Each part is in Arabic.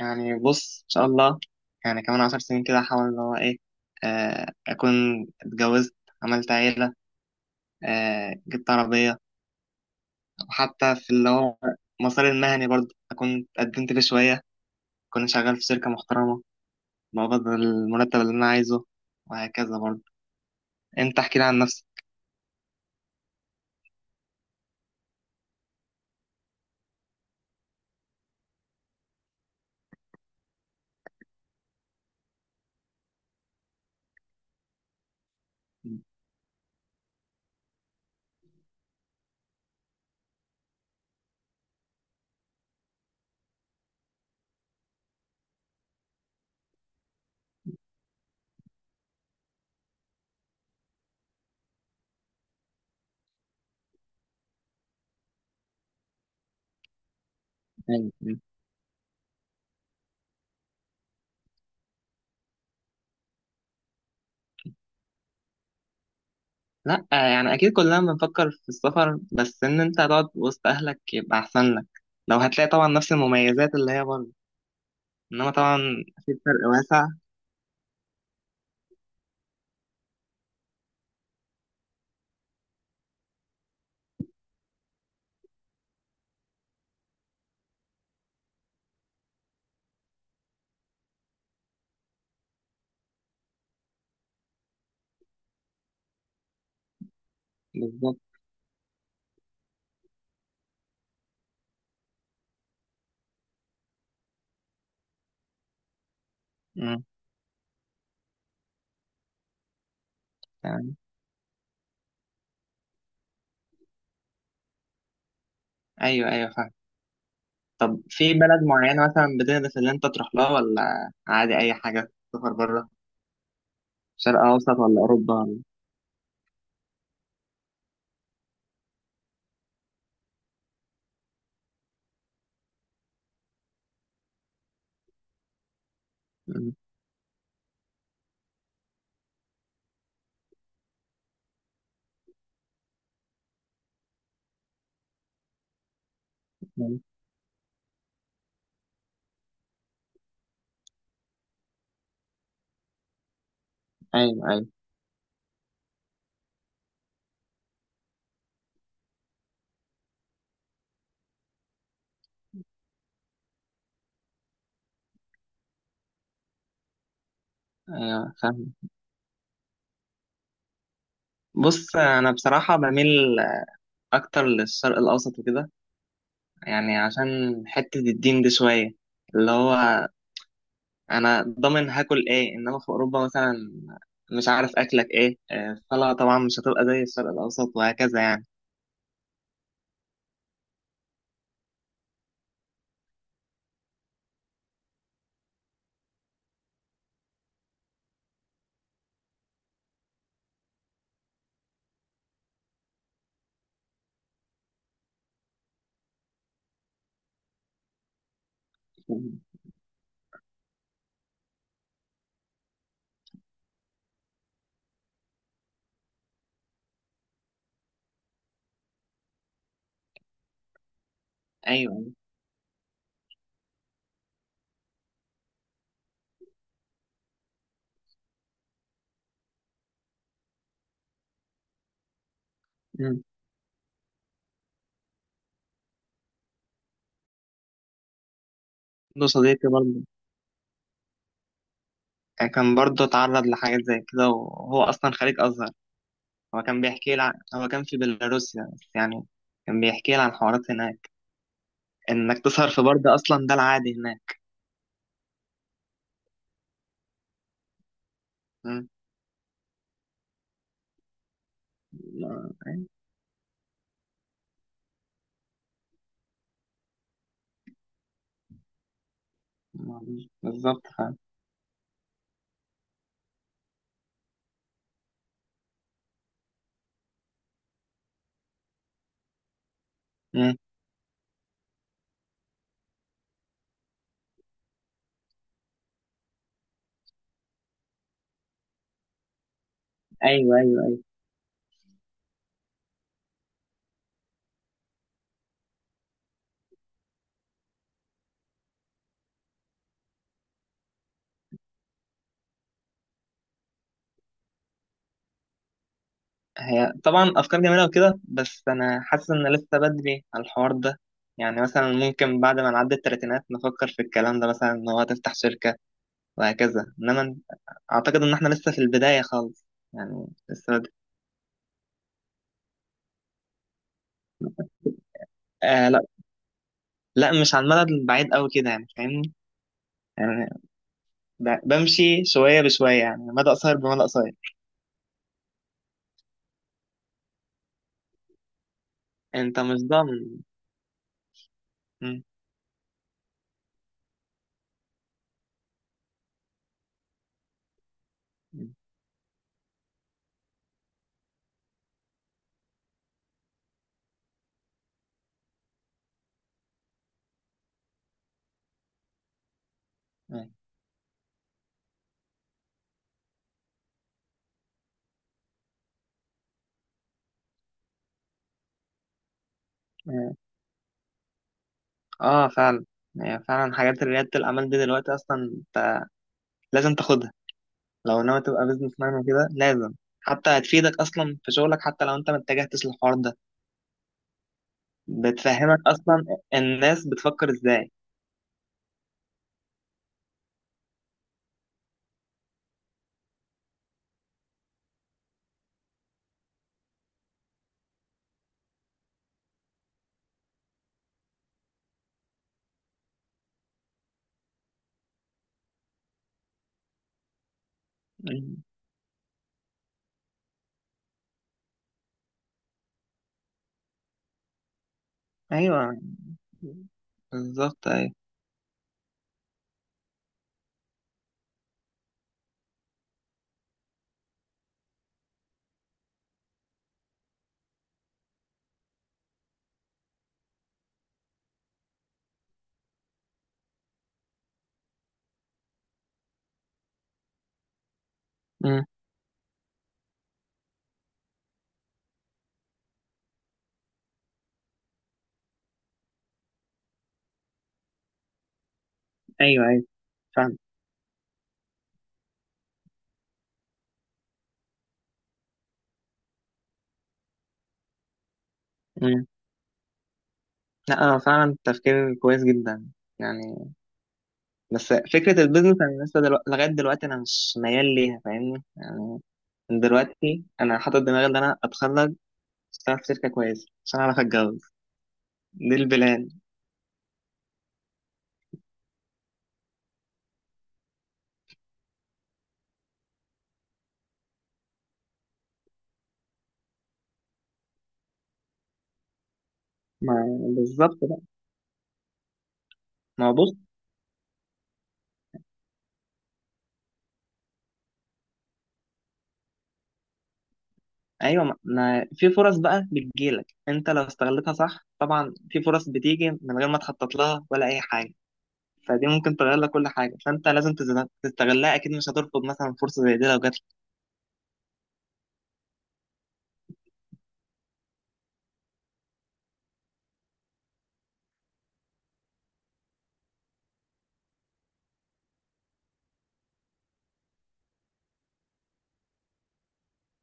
يعني بص، ان شاء الله. يعني كمان 10 سنين كده احاول اللي هو ايه. اكون اتجوزت، عملت عيلة. جبت عربية. وحتى في اللي هو مسار المهني برضه اكون اتقدمت لي شوية، اكون شغال في شركة محترمة، بقبض المرتب اللي انا عايزه، وهكذا برضه. انت احكي لي عن نفسك. لا، يعني اكيد كلنا بنفكر في السفر، بس ان انت هتقعد وسط اهلك يبقى احسن لك، لو هتلاقي طبعا نفس المميزات اللي هي برضه. انما طبعا في فرق واسع. بالظبط. مم. تمام. ايوه، ايوه، فاهم. طب في بلد معينة مثلا بتدرس اللي انت تروح لها، ولا عادي اي حاجة تسافر بره؟ شرق اوسط ولا اوروبا ولا؟ مم. مم. ايوه، ايوه، ايوه، فاهم. بص، انا بصراحة بميل اكتر للشرق الاوسط وكده. يعني عشان حتة الدين دي شوية، اللي هو انا ضامن هاكل ايه، انما في اوروبا مثلا مش عارف اكلك ايه. الصلاة طبعا مش هتبقى زي الشرق الاوسط، وهكذا يعني. مم. ايوه. مم. عنده صديقي برضه، كان برضه اتعرض لحاجات زي كده، وهو أصلا خريج أزهر. هو كان بيحكي لي عن، هو كان في بيلاروسيا، بس يعني كان بيحكي لي عن حوارات هناك. إنك تسهر في برد أصلا ده العادي هناك. مم. إيه، ما- بالظبط فاهم. مم. أيوه، أيوه. هي طبعا أفكار جميلة وكده، بس أنا حاسس إن لسه بدري على الحوار ده. يعني مثلا ممكن بعد ما نعدي التلاتينات نفكر في الكلام ده مثلا، إن هو تفتح شركة وهكذا، إنما أعتقد إن إحنا لسه في البداية خالص. يعني لسه، لا، لا، مش على المدى البعيد قوي كده، يعني فاهمني. يعني بمشي شوية بشوية، يعني مدى قصير بمدى قصير. انت مش ضامن. م- م- م- م. اه، فعلا. يعني فعلا حاجات ريادة الأعمال دي دلوقتي أصلا انت لازم تاخدها. لو ناوي تبقى بيزنس مان وكده لازم. حتى هتفيدك أصلا في شغلك، حتى لو انت ما اتجهتش للحوار ده. بتفهمك أصلا الناس بتفكر ازاي. م. أيوه. بالظبط، أيوه. م. أيوه، أيوه فعلا. لا، فعلا تفكير كويس جدا. يعني بس فكرة البيزنس أنا لسه لغاية دلوقتي أنا مش ميال ليها، فاهمني يعني. من دلوقتي أنا حاطط دماغي إن أنا أتخرج، أشتغل في شركة كويسة، عشان أعرف أتجوز. دي البلان. ما بالظبط بقى. ما هو بص. أيوه، ما في فرص بقى بتجيلك، أنت لو استغلتها صح طبعا. في فرص بتيجي من غير ما تخطط لها ولا أي حاجة، فدي ممكن تغير لك كل حاجة، فأنت لازم تستغلها. أكيد مش هترفض مثلا فرصة زي دي لو جات.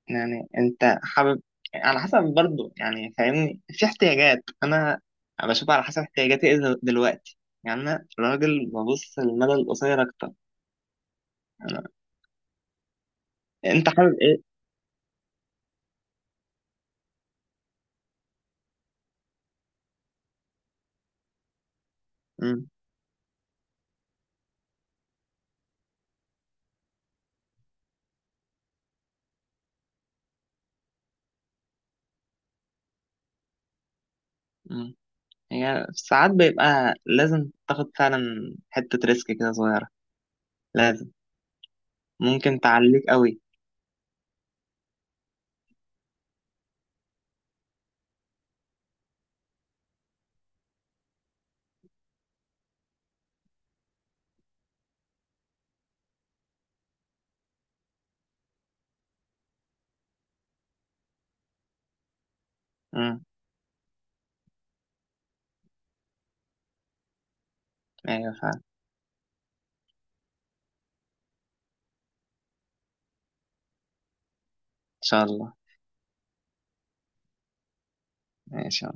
يعني انت حابب. على حسب برضو يعني فاهمني، في احتياجات انا بشوف على حسب احتياجاتي ايه دلوقتي. يعني انا راجل ببص للمدى القصير اكتر. انا انت حابب ايه؟ مم. مم. هي ساعات بيبقى لازم تاخد فعلا حتة ريسك كده صغيرة، لازم. ممكن تعليك قوي. مم. ايوه، فعلا، ان شاء الله. ماشي يا